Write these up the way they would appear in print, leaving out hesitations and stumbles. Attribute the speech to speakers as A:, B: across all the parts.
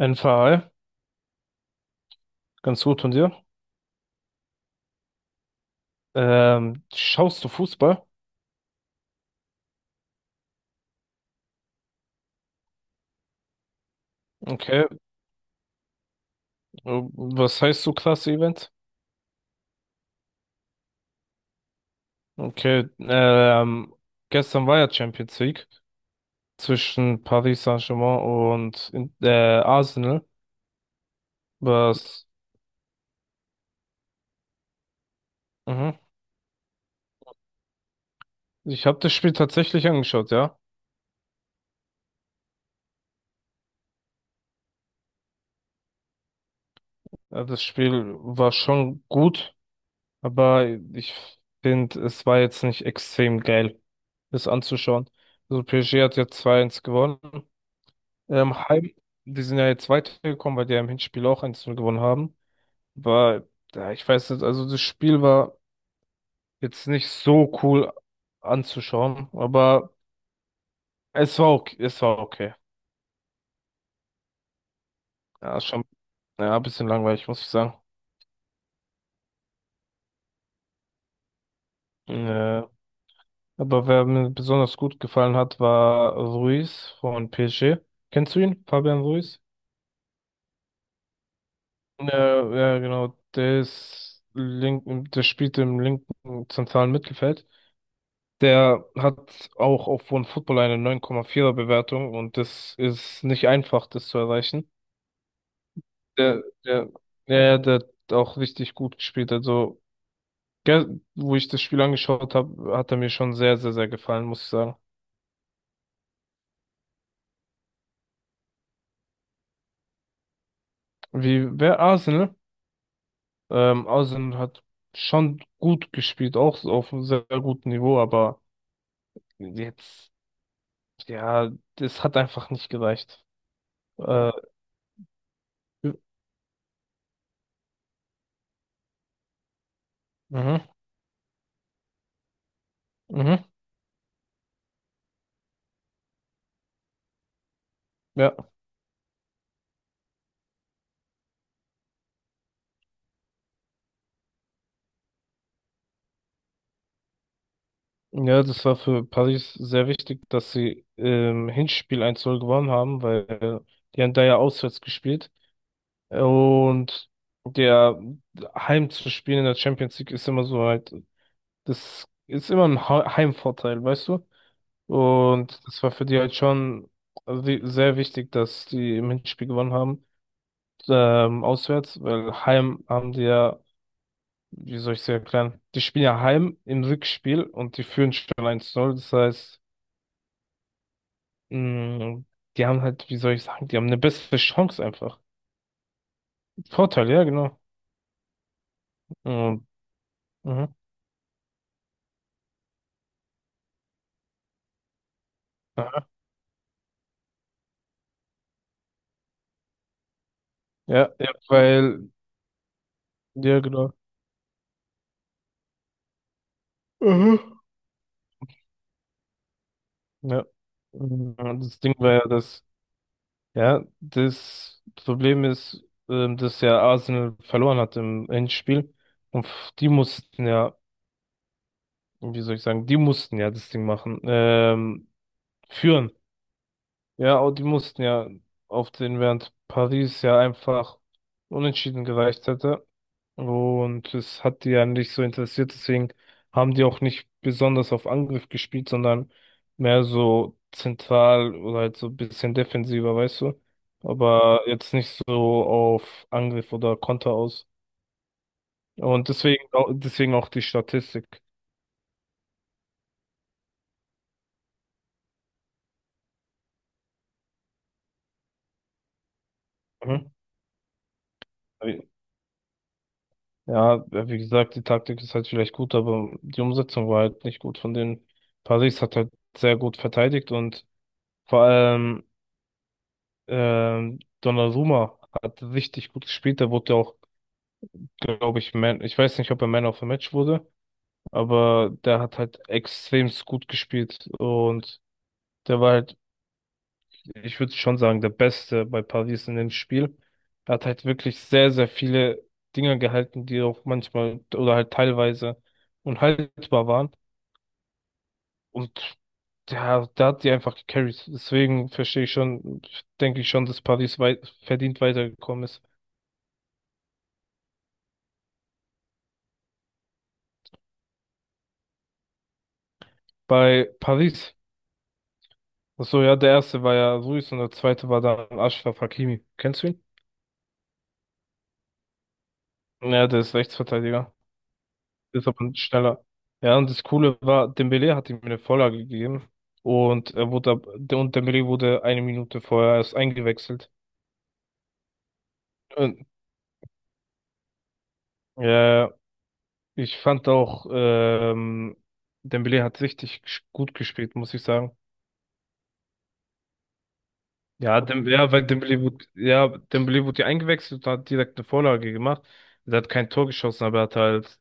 A: NVA, ganz gut von dir. Schaust du Fußball? Okay. Was heißt so klasse Event? Okay. Gestern war ja Champions League zwischen Paris Saint-Germain und Arsenal. Was? Mhm. Ich habe das Spiel tatsächlich angeschaut, ja. Das Spiel war schon gut, aber ich finde, es war jetzt nicht extrem geil, das anzuschauen. Also PSG hat ja 2-1 gewonnen. Heim, die sind ja jetzt weitergekommen, weil die ja im Hinspiel auch 1-0 gewonnen haben. War, ja, ich weiß nicht, also das Spiel war jetzt nicht so cool anzuschauen, aber es war okay, es war okay. Ja, ist schon, ja, ein bisschen langweilig, muss ich sagen. Äh, aber wer mir besonders gut gefallen hat, war Ruiz von PSG. Kennst du ihn, Fabian Ruiz? Ja, ja, genau. Der ist link, der spielt im linken zentralen Mittelfeld. Der hat auch auf OneFootball eine 9,4er Bewertung und das ist nicht einfach, das zu erreichen. Der, der, der hat auch richtig gut gespielt. Also, gell, wo ich das Spiel angeschaut habe, hat er mir schon sehr, sehr, sehr gefallen, muss ich sagen. Wie, wer Arsenal? Arsenal hat schon gut gespielt, auch so auf einem sehr gutem Niveau, aber jetzt, ja, das hat einfach nicht gereicht. Äh, mhm, mhm, ja. Ja, das war für Paris sehr wichtig, dass sie im Hinspiel 1-0 gewonnen haben, weil die haben da ja auswärts gespielt. Und der Heim zu spielen in der Champions League ist immer so halt, das ist immer ein Heimvorteil, weißt du? Und das war für die halt schon sehr wichtig, dass die im Hinspiel gewonnen haben, auswärts, weil Heim haben die ja, wie soll ich es erklären, die spielen ja Heim im Rückspiel und die führen schon 1-0, das heißt, mh, die haben halt, wie soll ich sagen, die haben eine bessere Chance einfach. Vorteil, ja, genau. Mhm. Mhm. Aha. Ja, ja, weil, ja, genau. Mhm. Ja. Mhm. Das Ding war ja, dass, ja, das Problem ist, dass ja Arsenal verloren hat im Endspiel. Und die mussten ja, wie soll ich sagen, die mussten ja das Ding machen, führen. Ja, und die mussten ja auf den, während Paris ja einfach unentschieden gereicht hätte. Und es hat die ja nicht so interessiert, deswegen haben die auch nicht besonders auf Angriff gespielt, sondern mehr so zentral oder halt so ein bisschen defensiver, weißt du? Aber jetzt nicht so auf Angriff oder Konter aus. Und deswegen, deswegen auch die Statistik. Mhm. Ja, ja, wie gesagt, die Taktik ist halt vielleicht gut, aber die Umsetzung war halt nicht gut von den. Paris hat halt sehr gut verteidigt und vor allem Donnarumma hat richtig gut gespielt. Der wurde ja auch, glaube ich, Man, ich weiß nicht, ob er Man of the Match wurde, aber der hat halt extremst gut gespielt und der war halt, ich würde schon sagen, der Beste bei Paris in dem Spiel. Er hat halt wirklich sehr, sehr viele Dinger gehalten, die auch manchmal oder halt teilweise unhaltbar waren und der hat die einfach gecarried. Deswegen verstehe ich schon, denke ich schon, dass Paris verdient weitergekommen ist. Bei Paris. Ach so, ja, der erste war ja Ruiz und der zweite war dann Ashraf Hakimi. Kennst du ihn? Ja, der ist Rechtsverteidiger. Ist aber schneller. Ja, und das Coole war, Dembélé hat ihm eine Vorlage gegeben. Und er wurde, und Dembélé wurde 1 Minute vorher erst eingewechselt. Und, äh, ich fand auch, Dembélé hat richtig gut gespielt, muss ich sagen. Ja, ja, weil Dembélé wurde ja eingewechselt und hat direkt eine Vorlage gemacht. Er hat kein Tor geschossen, aber er hat halt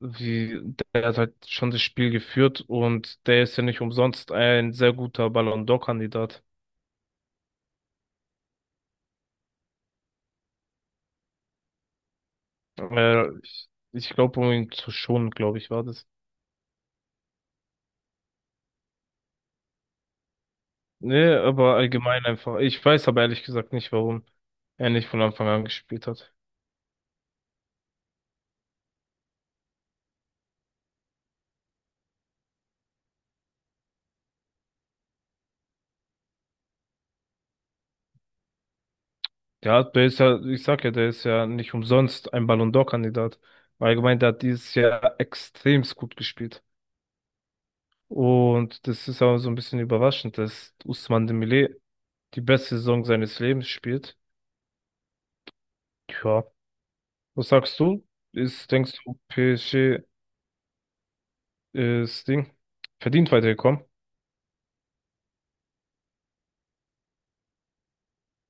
A: wie, der hat halt schon das Spiel geführt und der ist ja nicht umsonst ein sehr guter Ballon d'Or-Kandidat. Ich glaube, um ihn zu schonen, glaube ich, war das. Nee, aber allgemein einfach. Ich weiß aber ehrlich gesagt nicht, warum er nicht von Anfang an gespielt hat. Ja, der ist ja, ich sag ja, der ist ja nicht umsonst ein Ballon d'Or-Kandidat. Allgemein, der hat dieses Jahr extremst gut gespielt. Und das ist auch so ein bisschen überraschend, dass Ousmane Dembélé die beste Saison seines Lebens spielt. Ja. Was sagst du? Ist, denkst du, PSG ist Ding verdient weitergekommen?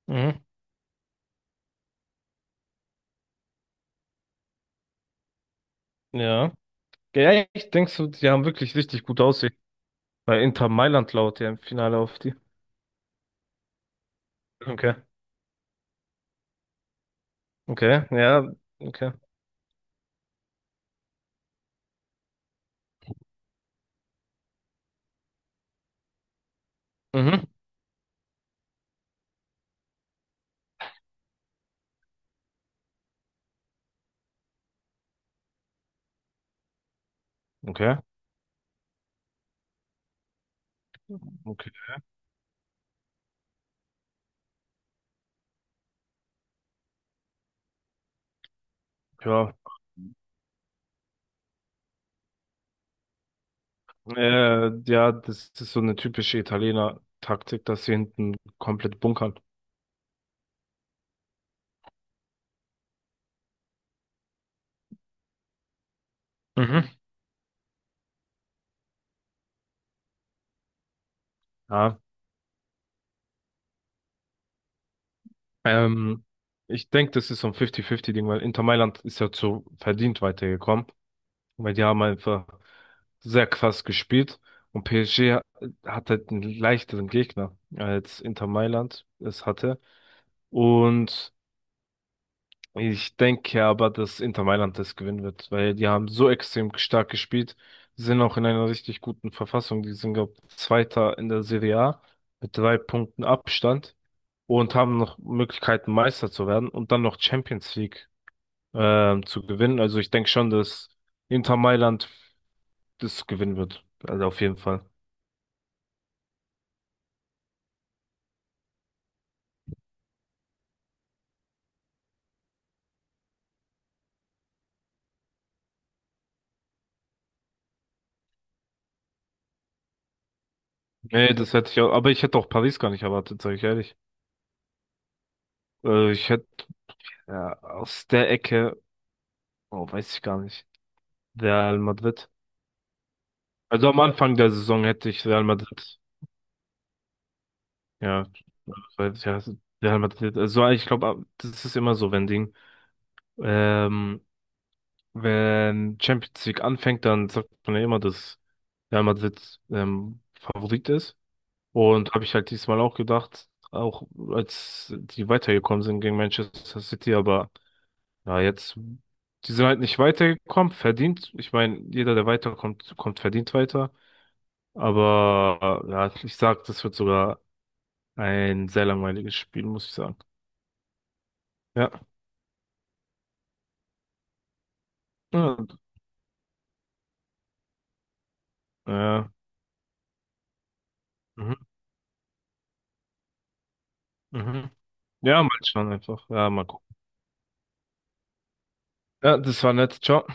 A: Mhm. Ja. Ja, echt? Denkst du, die haben wirklich richtig gut aussehen? Weil Inter Mailand laut ja im Finale auf die. Okay. Okay. Ja. Okay. Mhm. Okay. Okay. Ja. Ja, das ist so eine typische Italiener-Taktik, dass sie hinten komplett bunkern. Mhm. Ja. Ähm, Ich denke, das ist so ein 50-50-Ding, weil Inter Mailand ist ja zu verdient weitergekommen, weil die haben einfach sehr krass gespielt. Und PSG hat halt einen leichteren Gegner als Inter Mailand es hatte. Und ich denke aber, dass Inter Mailand das gewinnen wird, weil die haben so extrem stark gespielt, sind auch in einer richtig guten Verfassung. Die sind, glaube ich, Zweiter in der Serie A mit 3 Punkten Abstand und haben noch Möglichkeiten, Meister zu werden und dann noch Champions League zu gewinnen. Also ich denke schon, dass Inter Mailand das gewinnen wird. Also auf jeden Fall. Nee, das hätte ich auch, aber ich hätte auch Paris gar nicht erwartet, sage ich ehrlich. Ich hätte ja, aus der Ecke, oh, weiß ich gar nicht, Real Madrid. Also am Anfang der Saison hätte ich Real Madrid, ja, ja Real Madrid. Also ich glaube, das ist immer so, wenn Ding, ähm, wenn Champions League anfängt, dann sagt man ja immer, dass Real Madrid Favorit ist. Und habe ich halt diesmal auch gedacht, auch als die weitergekommen sind gegen Manchester City, aber ja, jetzt, die sind halt nicht weitergekommen, verdient. Ich meine, jeder, der weiterkommt, kommt verdient weiter. Aber ja, ich sag, das wird sogar ein sehr langweiliges Spiel, muss ich sagen. Ja. Ja. Ja, mhm, mhm. Ja, mal schauen einfach. Ja, mal gucken. Ja, das war nett. Ciao.